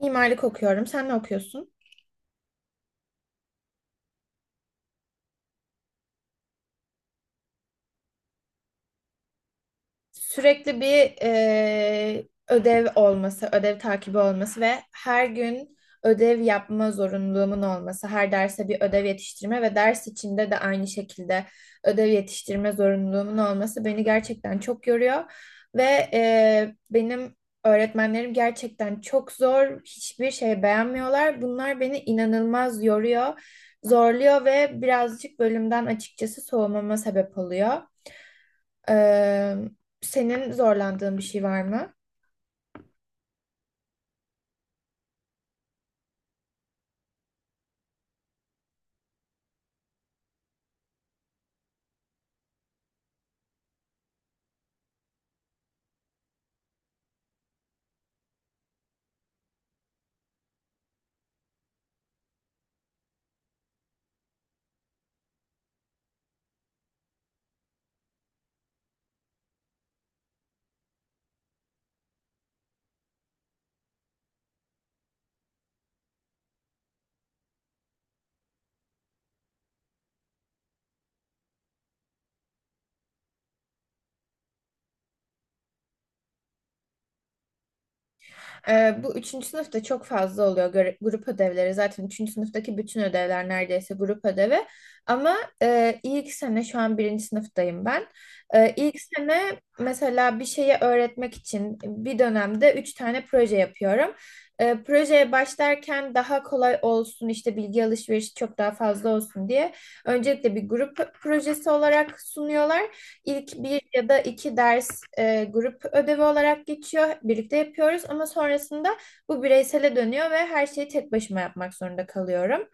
Mimarlık okuyorum. Sen ne okuyorsun? Sürekli bir ödev olması, ödev takibi olması ve her gün ödev yapma zorunluluğumun olması, her derse bir ödev yetiştirme ve ders içinde de aynı şekilde ödev yetiştirme zorunluluğumun olması beni gerçekten çok yoruyor ve benim öğretmenlerim gerçekten çok zor, hiçbir şey beğenmiyorlar. Bunlar beni inanılmaz yoruyor, zorluyor ve birazcık bölümden açıkçası soğumama sebep oluyor. Ee, senin zorlandığın bir şey var mı? Bu üçüncü sınıfta çok fazla oluyor grup ödevleri. Zaten üçüncü sınıftaki bütün ödevler neredeyse grup ödevi. Ama ilk sene şu an birinci sınıftayım ben. İlk sene mesela bir şeyi öğretmek için bir dönemde 3 tane proje yapıyorum. Projeye başlarken daha kolay olsun işte bilgi alışverişi çok daha fazla olsun diye öncelikle bir grup projesi olarak sunuyorlar. İlk bir ya da iki ders grup ödevi olarak geçiyor. Birlikte yapıyoruz ama sonrasında bu bireysele dönüyor ve her şeyi tek başıma yapmak zorunda kalıyorum.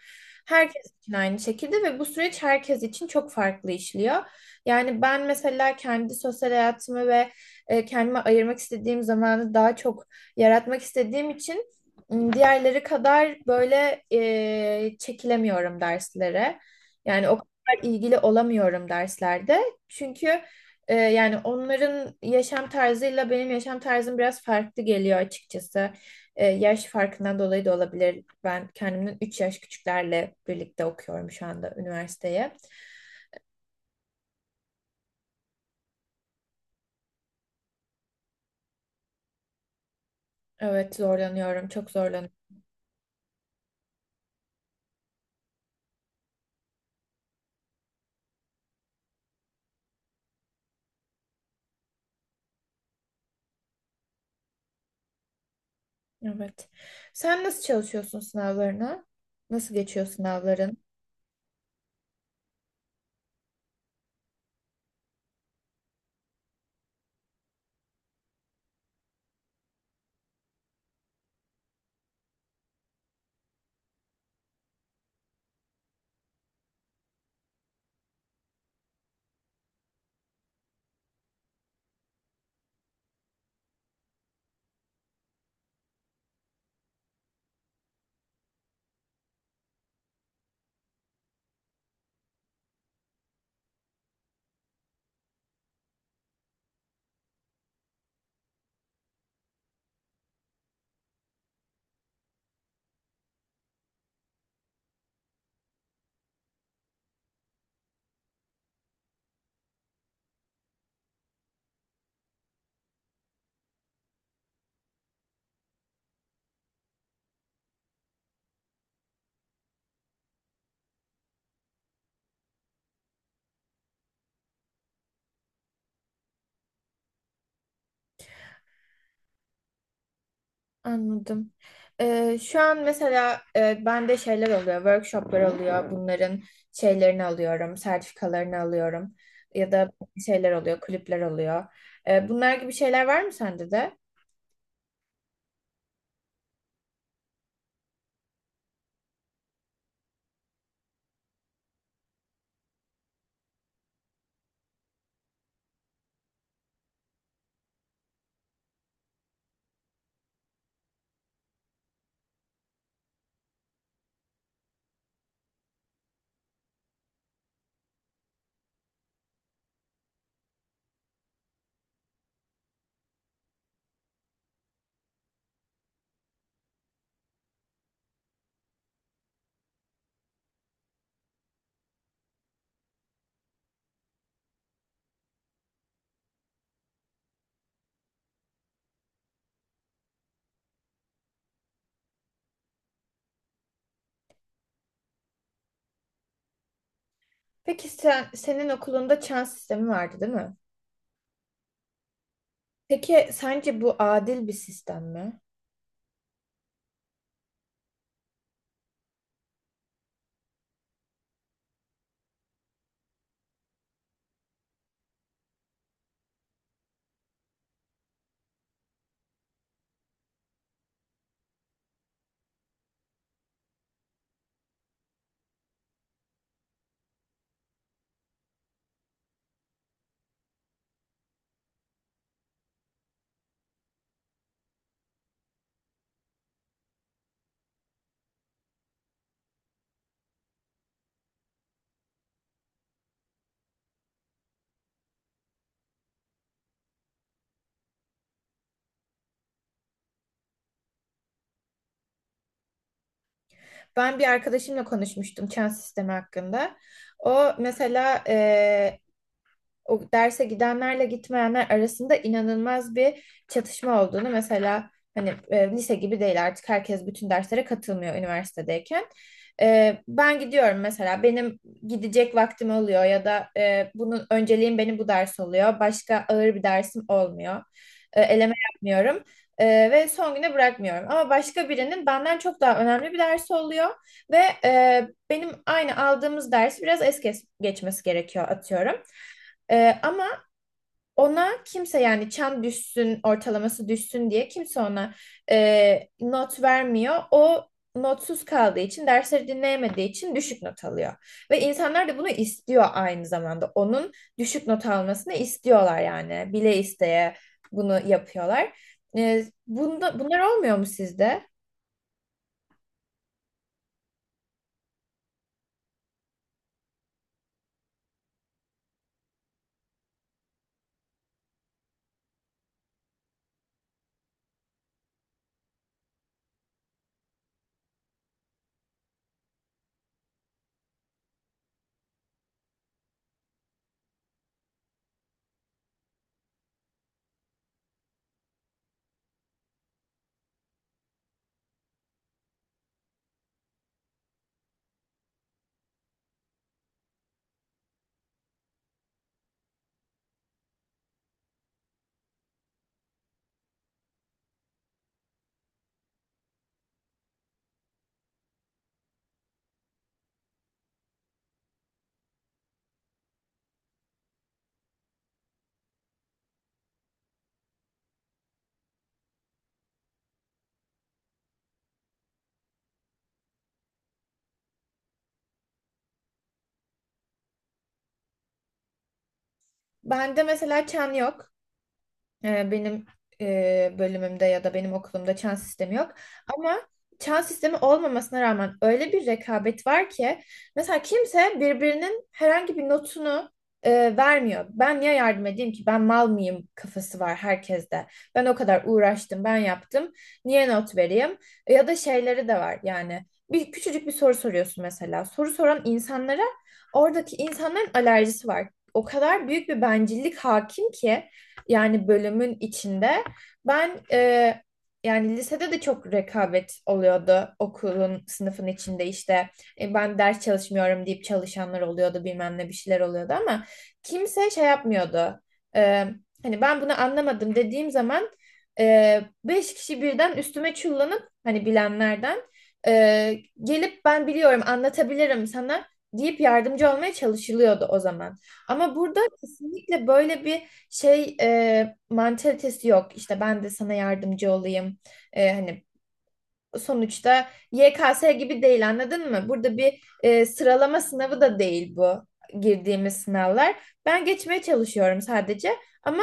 Herkes için aynı şekilde ve bu süreç herkes için çok farklı işliyor. Yani ben mesela kendi sosyal hayatımı ve kendime ayırmak istediğim zamanı daha çok yaratmak istediğim için diğerleri kadar böyle çekilemiyorum derslere. Yani o kadar ilgili olamıyorum derslerde. Çünkü yani onların yaşam tarzıyla benim yaşam tarzım biraz farklı geliyor açıkçası. Yaş farkından dolayı da olabilir. Ben kendimden 3 yaş küçüklerle birlikte okuyorum şu anda üniversiteye. Evet zorlanıyorum, çok zorlanıyorum. Evet. Sen nasıl çalışıyorsun sınavlarına? Nasıl geçiyor sınavların? Anladım. Şu an mesela bende şeyler oluyor, workshoplar oluyor. Bunların şeylerini alıyorum, sertifikalarını alıyorum. Ya da şeyler oluyor, kulüpler oluyor. Bunlar gibi şeyler var mı sende de? Peki sen, senin okulunda çan sistemi vardı, değil mi? Peki sence bu adil bir sistem mi? Ben bir arkadaşımla konuşmuştum çan sistemi hakkında. O mesela o derse gidenlerle gitmeyenler arasında inanılmaz bir çatışma olduğunu mesela hani lise gibi değil artık herkes bütün derslere katılmıyor üniversitedeyken. Ben gidiyorum mesela benim gidecek vaktim oluyor ya da bunun önceliğim benim bu ders oluyor. Başka ağır bir dersim olmuyor. Eleme yapmıyorum. Ve son güne bırakmıyorum. Ama başka birinin benden çok daha önemli bir dersi oluyor ve benim aynı aldığımız dersi biraz geçmesi gerekiyor atıyorum. Ama ona kimse yani çan düşsün, ortalaması düşsün diye kimse ona not vermiyor. O notsuz kaldığı için, dersleri dinleyemediği için düşük not alıyor. Ve insanlar da bunu istiyor aynı zamanda. Onun düşük not almasını istiyorlar yani. Bile isteye bunu yapıyorlar. Bunlar olmuyor mu sizde? Bende mesela çan yok. Benim bölümümde ya da benim okulumda çan sistemi yok. Ama çan sistemi olmamasına rağmen öyle bir rekabet var ki mesela kimse birbirinin herhangi bir notunu vermiyor. Ben niye yardım edeyim ki? Ben mal mıyım kafası var herkeste. Ben o kadar uğraştım, ben yaptım. Niye not vereyim? Ya da şeyleri de var yani. Bir küçücük bir soru soruyorsun mesela. Soru soran insanlara oradaki insanların alerjisi var. O kadar büyük bir bencillik hakim ki yani bölümün içinde. Ben e, yani lisede de çok rekabet oluyordu okulun sınıfın içinde işte. Ben ders çalışmıyorum deyip çalışanlar oluyordu bilmem ne bir şeyler oluyordu ama kimse şey yapmıyordu. E, Hani ben bunu anlamadım dediğim zaman 5 kişi birden üstüme çullanıp hani bilenlerden gelip ben biliyorum anlatabilirim sana deyip yardımcı olmaya çalışılıyordu o zaman. Ama burada kesinlikle böyle bir şey mantalitesi yok işte ben de sana yardımcı olayım. Hani sonuçta YKS gibi değil anladın mı? Burada bir sıralama sınavı da değil bu girdiğimiz sınavlar. Ben geçmeye çalışıyorum sadece ama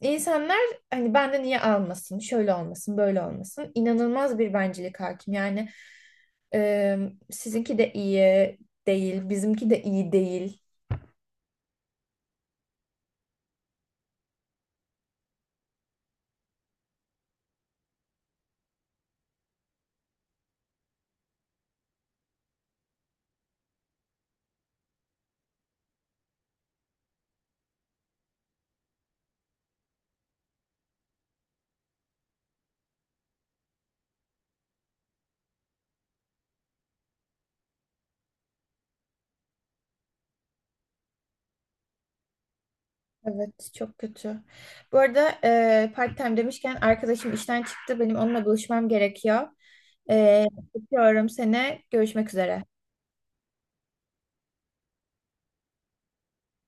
insanlar hani benden niye almasın şöyle olmasın böyle olmasın inanılmaz bir bencillik hakim yani e, sizinki de iyi değil bizimki de iyi değil. Evet çok kötü. Bu arada part time demişken arkadaşım işten çıktı. Benim onunla buluşmam gerekiyor. E, Öpüyorum seni. Görüşmek üzere.